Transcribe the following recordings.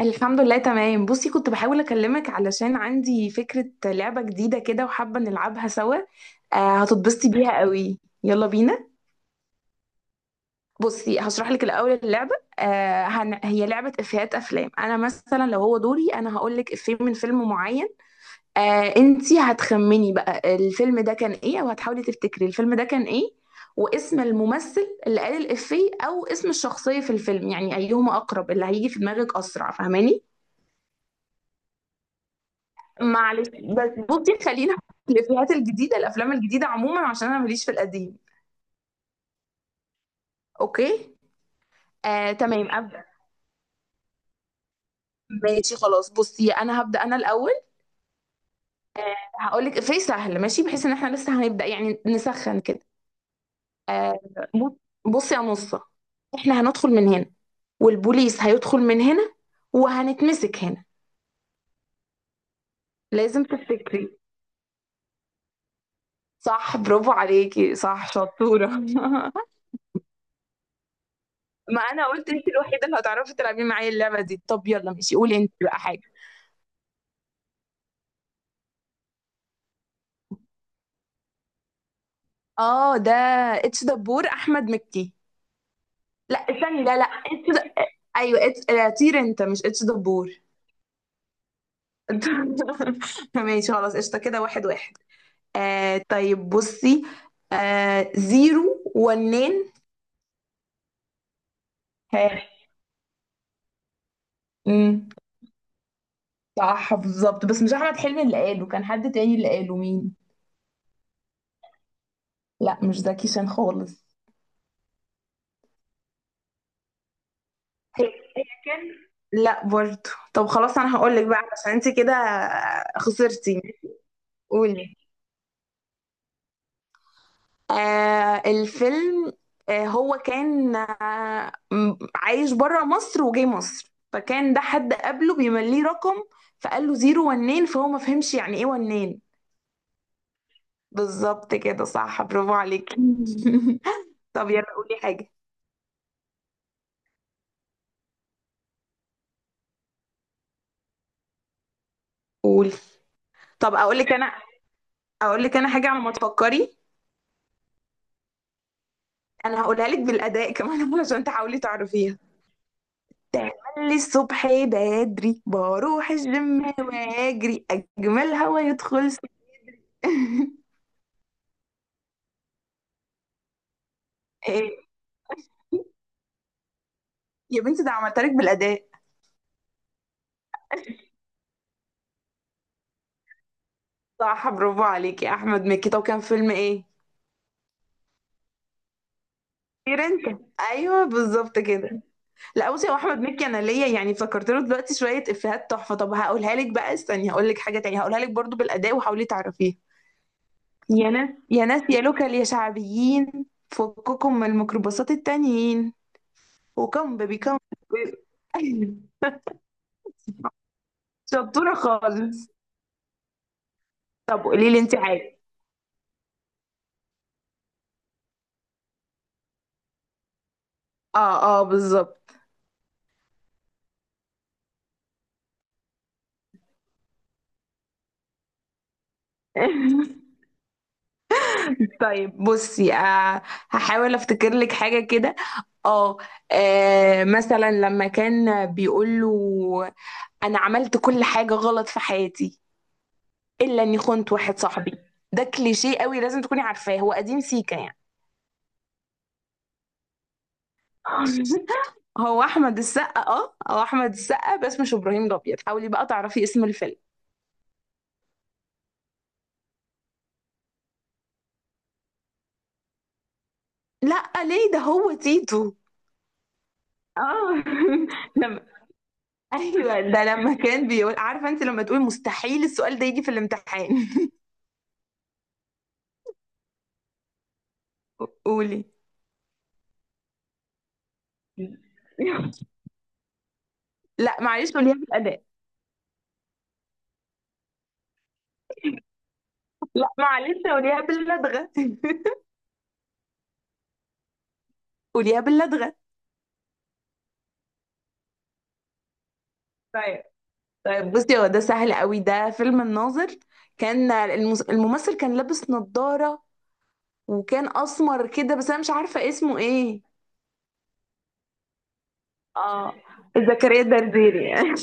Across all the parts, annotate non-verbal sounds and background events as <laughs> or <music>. الحمد لله تمام. بصي، كنت بحاول اكلمك علشان عندي فكرة لعبة جديدة كده وحابة نلعبها سوا. هتتبسطي بيها قوي. يلا بينا. بصي هشرح لك الاول اللعبة. هي لعبة افيهات افلام. انا مثلا لو هو دوري انا هقول لك افيه من فيلم معين. انتي هتخمني بقى الفيلم ده كان ايه، او هتحاولي تفتكري الفيلم ده كان ايه، واسم الممثل اللي قال الافيه او اسم الشخصية في الفيلم، يعني ايهما اقرب اللي هيجي في دماغك اسرع، فاهماني. معلش بس بصي، خلينا في الافيهات الجديده، الافلام الجديده عموما، عشان انا ماليش في القديم. اوكي. تمام ابدا. ماشي خلاص، بصي انا هبدا انا الاول. هقول لك افيه سهل ماشي، بحيث ان احنا لسه هنبدا يعني نسخن كده. آه، بص- بصي يا نصه، احنا هندخل من هنا، والبوليس هيدخل من هنا، وهنتمسك هنا. لازم تفتكري. صح، برافو عليكي، صح شطورة. <laughs> ما انا قلت انت الوحيدة اللي هتعرفي تلعبي معايا اللعبة دي. طب يلا ماشي، قولي انت بقى حاجة. اه ده اتش دبور، احمد مكي. لا استني، لا ايوه اتش، طير انت، مش اتش دبور. <laughs> ماشي خلاص، قشطه كده، واحد واحد. آه طيب بصي، آه زيرو ونين. ها. امم، صح بالظبط، بس مش احمد حلمي اللي قاله، كان حد تاني اللي قاله مين. لا مش زكي شان خالص. هي هي كان. لا برضه. طب خلاص انا هقول لك بقى عشان انت كده خسرتي. قولي. آه الفيلم، هو كان عايش بره مصر وجاي مصر، فكان ده حد قبله بيمليه رقم، فقال له زيرو ونين، فهو ما فهمش يعني ايه ونين. بالظبط كده، صح برافو عليك. <laughs> طب يلا قولي حاجة. قولي. طب اقول لك انا، اقول لك انا حاجة على ما تفكري. انا هقولها لك بالاداء كمان <laughs> عشان تحاولي تعرفيها. تعملي الصبح بدري بروح الجيم واجري اجمل، هوا يدخل. <laughs> ايه، يا بنتي ده عملت لك بالأداء. صح برافو عليك يا أحمد مكي، طب كان فيلم إيه؟ طير أنت، أيوه بالظبط كده. لا بصي، هو أحمد مكي أنا ليا يعني فكرت له دلوقتي شوية إفيهات تحفة. طب هقولها لك بقى، استني هقول لك حاجة تانية، هقولها لك برضو بالأداء وحاولي تعرفيها. يا ناس يا ناس يا لوكال يا شعبيين، فككم من الميكروباصات التانيين وكم بيبي كم. <laughs> شطورة خالص. طب قولي لي أنت حاجة. اه بالظبط. <laughs> طيب بصي، آه هحاول افتكر لك حاجة كده. اه، مثلا لما كان بيقول له: انا عملت كل حاجة غلط في حياتي، الا اني خنت واحد صاحبي. ده كليشيه قوي، لازم تكوني عارفاه، هو قديم سيكا يعني. <laughs> هو احمد السقا، اه هو احمد السقا، بس مش ابراهيم الابيض، حاولي بقى تعرفي اسم الفيلم. لا ليه، ده هو تيتو. اه. <laughs> لما، ايوه ده لما كان بيقول: عارفه انت لما تقولي مستحيل السؤال ده يجي في الامتحان. قولي. لا معلش قوليها بالأداء. لا معلش قوليها باللدغة. <laughs> قوليها باللدغة. طيب. طيب بصي، هو ده سهل قوي ده، فيلم الناظر. كان الممثل كان لابس نظارة، وكان أسمر كده، بس أنا مش عارفة اسمه إيه. اه، زكريا الدرديري يعني.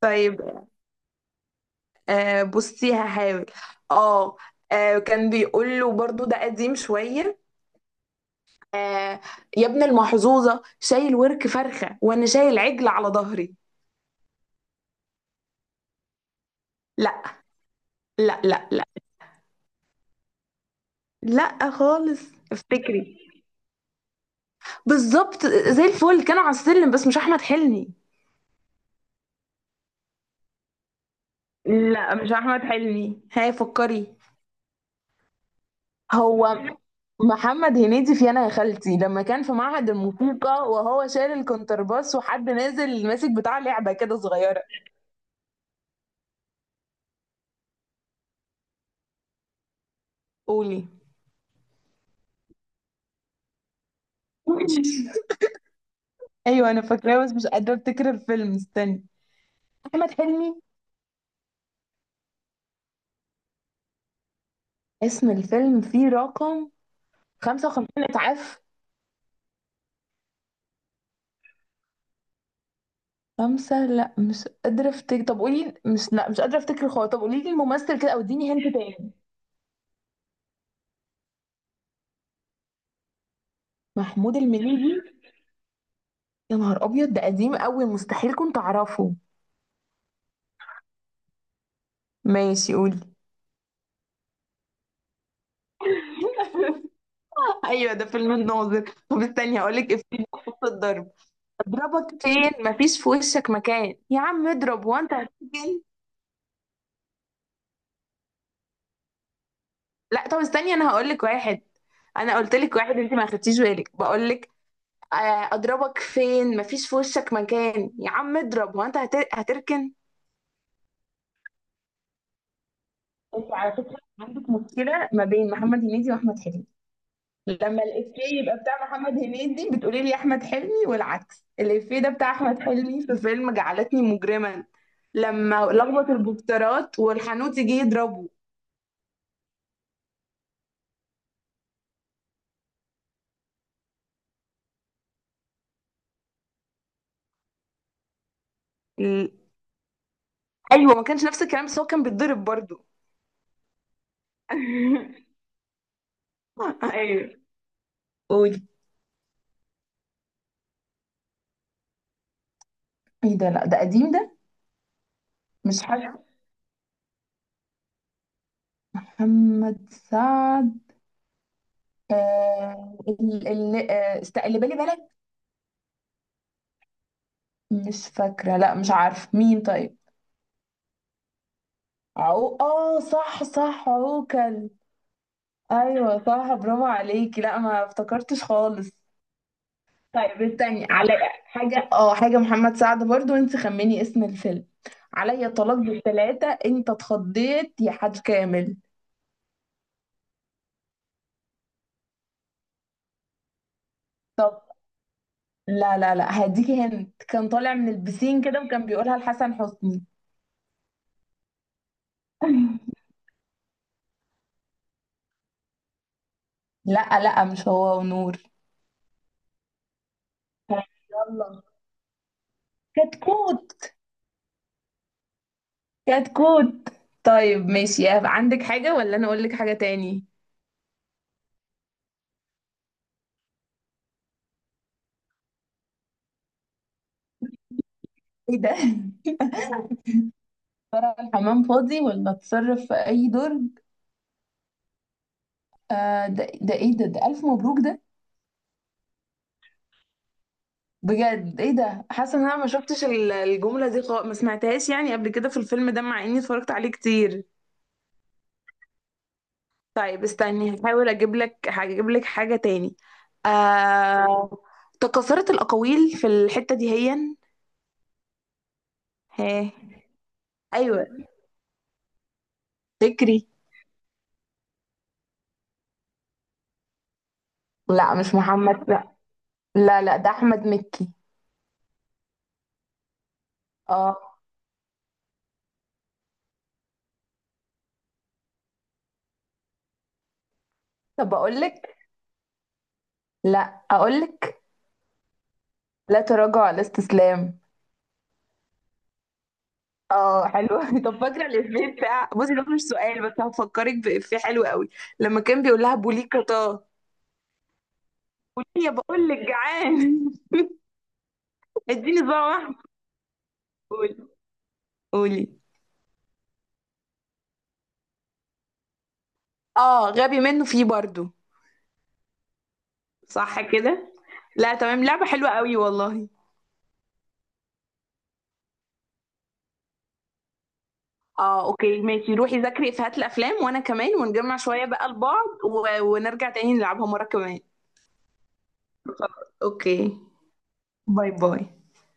<laughs> طيب آه بصي، هحاول. آه، كان بيقول له برضو، ده قديم شوية، آه: يا ابن المحظوظة، شايل ورك فرخة وانا شايل عجل على ظهري. لا لا لا خالص. افتكري. بالظبط زي الفل، كان على السلم، بس مش احمد حلمي. لا مش احمد حلمي، هاي فكري. هو محمد هنيدي في انا يا خالتي، لما كان في معهد الموسيقى وهو شايل الكونترباس، وحد نازل ماسك بتاع لعبة كده صغيرة. قولي. <laughs> ايوه انا فاكراه، بس مش قادره افتكر الفيلم، استني. احمد حلمي. اسم الفيلم فيه رقم. 55 اتعاف. خمسة، لا مش قادرة افتكر، طب قولي، مش قادرة افتكر خالص، طب قولي لي الممثل كده او اديني هنت تاني. محمود المليجي. يا نهار ابيض، ده قديم قوي، مستحيل كنت اعرفه. ماشي قولي. <laughs> ايوه ده فيلم الناظر، طب استني هقول لك افتكر خط الضرب: اضربك فين مفيش في وشك مكان، يا عم اضرب وانت هتسجن. لا طب استني، انا هقول لك واحد. انا قلت لك واحد انت ما خدتيش بالك، بقول لك: اضربك فين مفيش في وشك مكان، يا عم اضرب، هو انت هتركن. انت على فكره عندك مشكله ما بين محمد هنيدي واحمد حلمي. لما الافيه يبقى بتاع محمد هنيدي بتقولي لي احمد حلمي، والعكس. الافيه ده بتاع احمد حلمي في فيلم جعلتني مجرما، لما لخبط البوسترات والحانوت يجي يضربه. ال- ايوه ما كانش نفس الكلام بس هو كان بيتضرب برضو. <laughs> ايوه قولي. ايه ده، لا ده قديم ده، مش حلو. محمد سعد. اللي بالي بالك. مش فاكرة، لا مش عارفة مين طيب. عو، اه صح صح عوكل. ايوه صح برافو عليكي، لا ما افتكرتش خالص. طيب استني على حاجة، اه حاجة محمد سعد برضو، انت خمني اسم الفيلم: عليا طلاق بالثلاثة انت اتخضيت يا حاج كامل. طب. لا هديكي هنت، كان طالع من البسين كده، وكان بيقولها لحسن حسني. <laughs> لا لا مش هو ونور. طيب، يلا، كتكوت. كتكوت. طيب ماشي، عندك حاجة ولا أنا أقول لك حاجة تاني؟ إيه ده، ترى الحمام فاضي ولا اتصرف في أي درج. آه ده ده إيه ده، ده ألف مبروك ده. بجد إيه ده، حاسة إن أنا ما شفتش الجملة دي خالص، ما سمعتهاش يعني قبل كده في الفيلم ده، مع إني اتفرجت عليه كتير. طيب استني هحاول أجيب لك، هجيب لك حاجة تاني. آه، تكاثرت الأقاويل في الحتة دي هيا. ها أيوه فكري. لا مش محمد، لا ده احمد مكي. اه. طب اقول لك، لا اقول لك: لا تراجع على استسلام. اه حلو. <laughs> طب فاكره الافيه بتاع، بصي ده مش سؤال، بس هفكرك بافيه حلو قوي، لما كان بيقول لها: بوليكا طه. قولي يا، بقول لك جعان. <laughs> اديني صباع واحد. قولي. قولي. اه غبي منه فيه برضو. صح كده. لا تمام، لعبه حلوه قوي والله. اه اوكي ماشي، روحي ذاكري افيهات الافلام وانا كمان، ونجمع شويه بقى لبعض، ونرجع تاني نلعبها مره كمان. اوكي. باي باي.